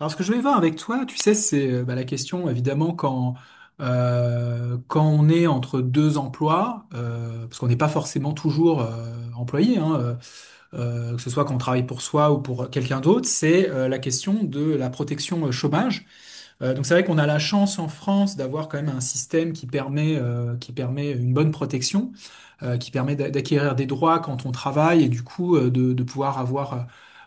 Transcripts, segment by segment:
Alors, ce que je voulais voir avec toi, tu sais, c'est bah, la question, évidemment, quand on est entre deux emplois, parce qu'on n'est pas forcément toujours employé, hein, que ce soit quand on travaille pour soi ou pour quelqu'un d'autre, c'est la question de la protection chômage. Donc c'est vrai qu'on a la chance en France d'avoir quand même un système qui permet une bonne protection, qui permet d'acquérir des droits quand on travaille et du coup de pouvoir avoir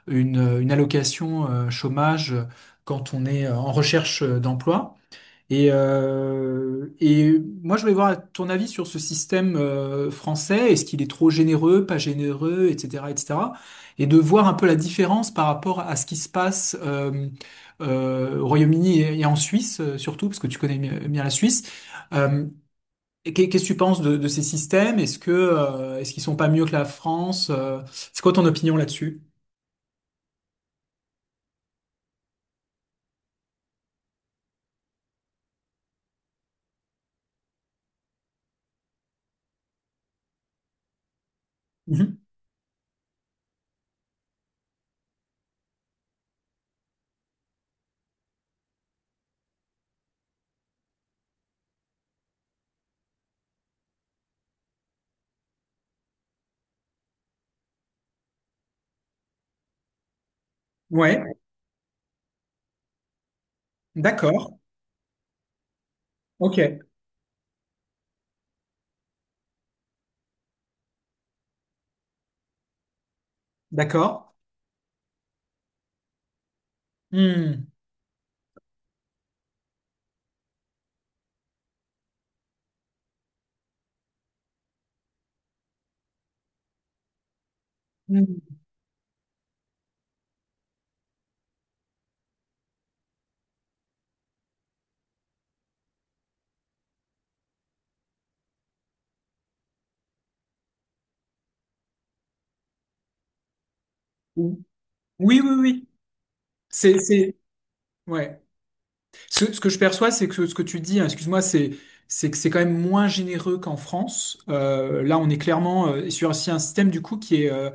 une allocation chômage quand on est en recherche d'emploi. Et moi, je voulais voir ton avis sur ce système français. Est-ce qu'il est trop généreux, pas généreux, etc., etc. Et cetera. Et de voir un peu la différence par rapport à ce qui se passe au Royaume-Uni et en Suisse, surtout, parce que tu connais bien bien la Suisse. Euh, et qu'est-ce que tu penses de ces systèmes? Est-ce qu'ils sont pas mieux que la France? C'est quoi ton opinion là-dessus? Mhm. Ouais, d'accord. Ok, d'accord. Hmm. Hmm. Oui, oui, oui. C'est, c'est, ouais. Ce que je perçois, c'est que ce que tu dis, hein, excuse-moi, c'est que c'est quand même moins généreux qu'en France. Là, on est clairement sur aussi un système du coup qui est euh,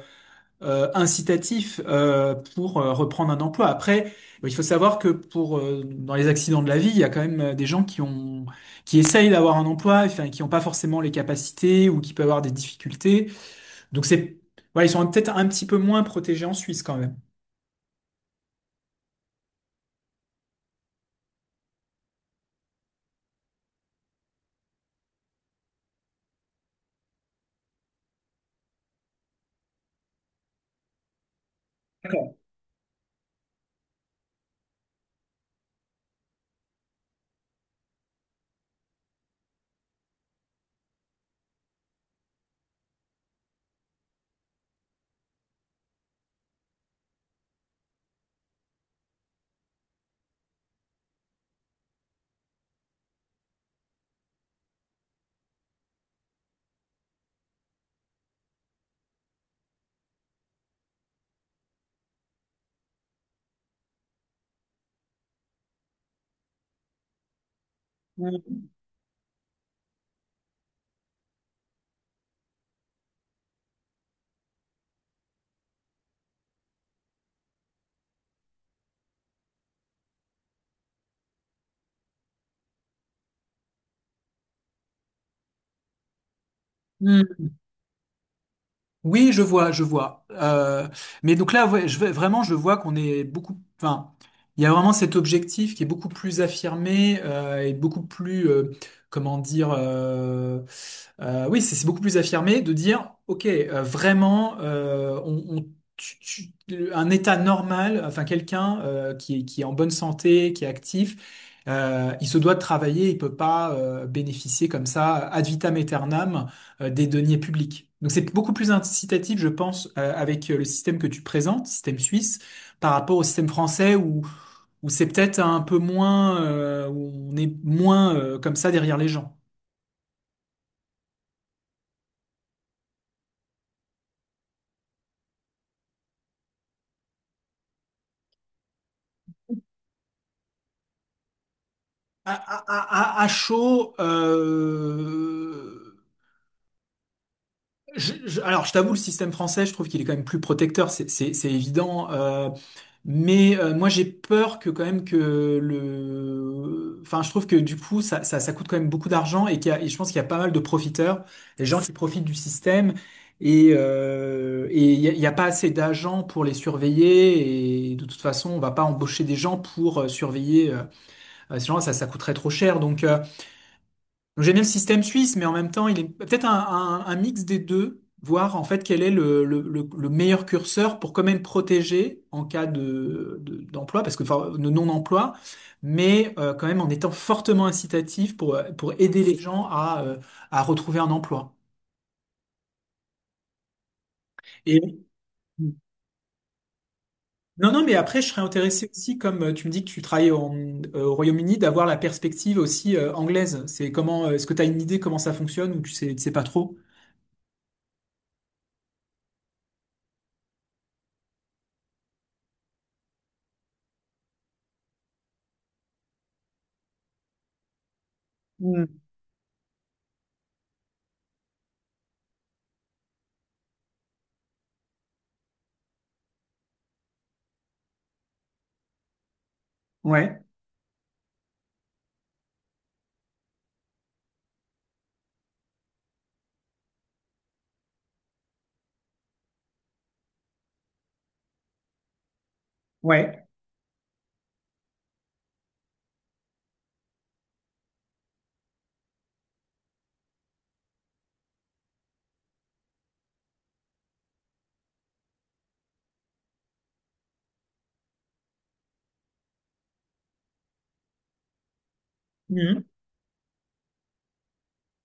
euh, incitatif pour reprendre un emploi. Après, il faut savoir que pour dans les accidents de la vie, il y a quand même des gens qui ont, qui essayent d'avoir un emploi, enfin, qui n'ont pas forcément les capacités ou qui peuvent avoir des difficultés. Donc voilà, ils sont peut-être un petit peu moins protégés en Suisse quand même. D'accord. Oui, je vois, je vois. Mais donc là, ouais, vraiment, je vois qu'on est beaucoup. Enfin, il y a vraiment cet objectif qui est beaucoup plus affirmé et beaucoup plus, comment dire, oui, c'est beaucoup plus affirmé de dire, ok, vraiment, tu- tu- un état normal, enfin quelqu'un qui est en bonne santé, qui est actif, il se doit de travailler, il peut pas bénéficier comme ça ad vitam aeternam des deniers publics. Donc c'est beaucoup plus incitatif, je pense, avec le système que tu présentes, système suisse, par rapport au système français où c'est peut-être un peu moins, où on est moins comme ça derrière les gens. À chaud, alors je t'avoue, le système français, je trouve qu'il est quand même plus protecteur, c'est évident. Mais moi j'ai peur que quand même que enfin je trouve que du coup ça coûte quand même beaucoup d'argent et je pense qu'il y a pas mal de profiteurs, des gens qui profitent du système et il y a pas assez d'agents pour les surveiller et de toute façon on va pas embaucher des gens pour surveiller ces gens ça ça coûterait trop cher donc. J'aime bien le système suisse, mais en même temps, il est peut-être un mix des deux, voir en fait quel est le meilleur curseur pour quand même protéger en cas d'emploi, parce que enfin, de non-emploi, mais quand même en étant fortement incitatif pour aider les gens à retrouver un emploi. Et non, non, mais après, je serais intéressé aussi, comme tu me dis que tu travailles au Royaume-Uni, d'avoir la perspective aussi anglaise. C'est comment, est-ce que tu as une idée comment ça fonctionne ou tu sais pas trop? Mm. Ouais, ouais.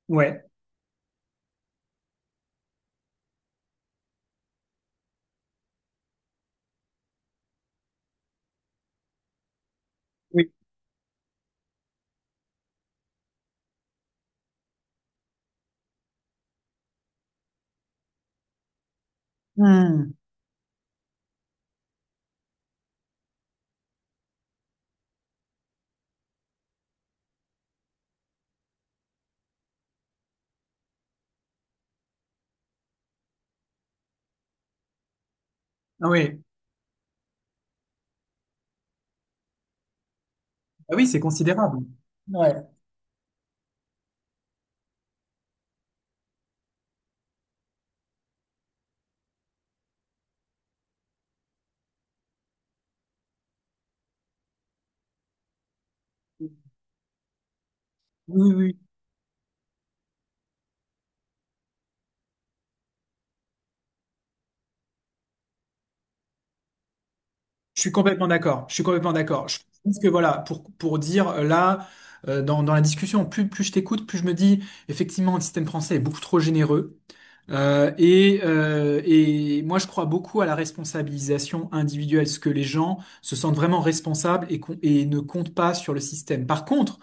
Ouais. Oui. Hmm. Ah oui. Ah oui, c'est considérable. Ouais. Oui, oui, oui. Je suis complètement d'accord. Je suis complètement d'accord. Je pense que voilà, pour dire là, dans la discussion, plus je t'écoute, plus je me dis, effectivement, le système français est beaucoup trop généreux. Et moi, je crois beaucoup à la responsabilisation individuelle, ce que les gens se sentent vraiment responsables et ne comptent pas sur le système. Par contre,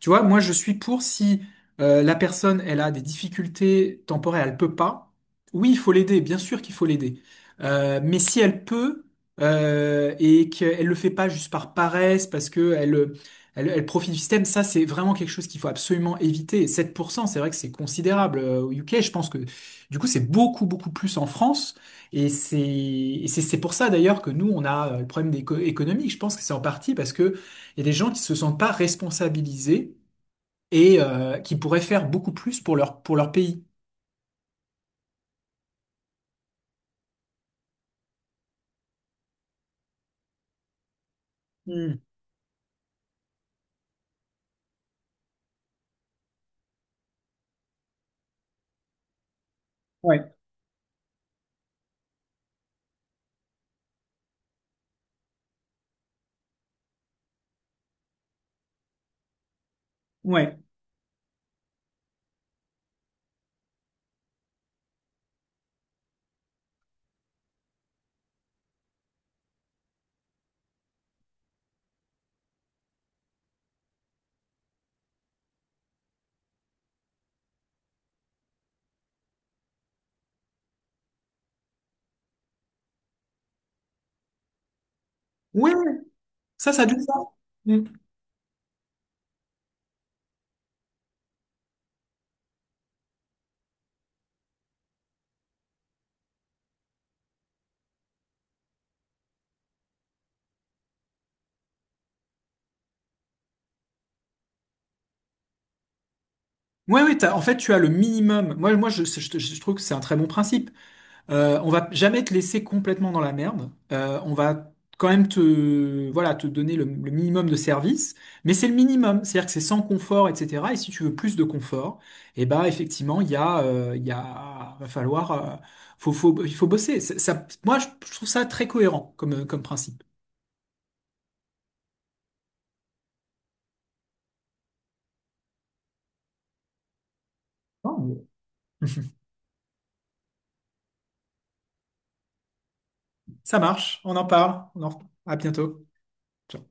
tu vois, moi je suis pour si la personne elle a des difficultés temporaires, elle peut pas. Oui, il faut l'aider, bien sûr qu'il faut l'aider. Mais si elle peut et qu'elle le fait pas juste par paresse, parce que elle profite du système, ça c'est vraiment quelque chose qu'il faut absolument éviter. Et 7%, c'est vrai que c'est considérable. Au UK, je pense que du coup c'est beaucoup beaucoup plus en France. Et c'est pour ça d'ailleurs que nous on a le problème économique. Je pense que c'est en partie parce que il y a des gens qui se sentent pas responsabilisés et qui pourraient faire beaucoup plus pour leur pays. Hmm. Ouais, ouais. Ouais, ouais. Ça a du sens. Mm. Ouais, ouais, en fait, tu as le minimum. Moi je trouve que c'est un très bon principe. On va jamais te laisser complètement dans la merde. On va quand même te, voilà, te donner le minimum de service, mais c'est le minimum, c'est-à-dire que c'est sans confort, etc. Et si tu veux plus de confort, eh ben effectivement, il y a, va falloir, il faut bosser. Ça, moi, je trouve ça très cohérent comme principe. Oh, mais- Ça marche, on en parle. À bientôt. Ciao.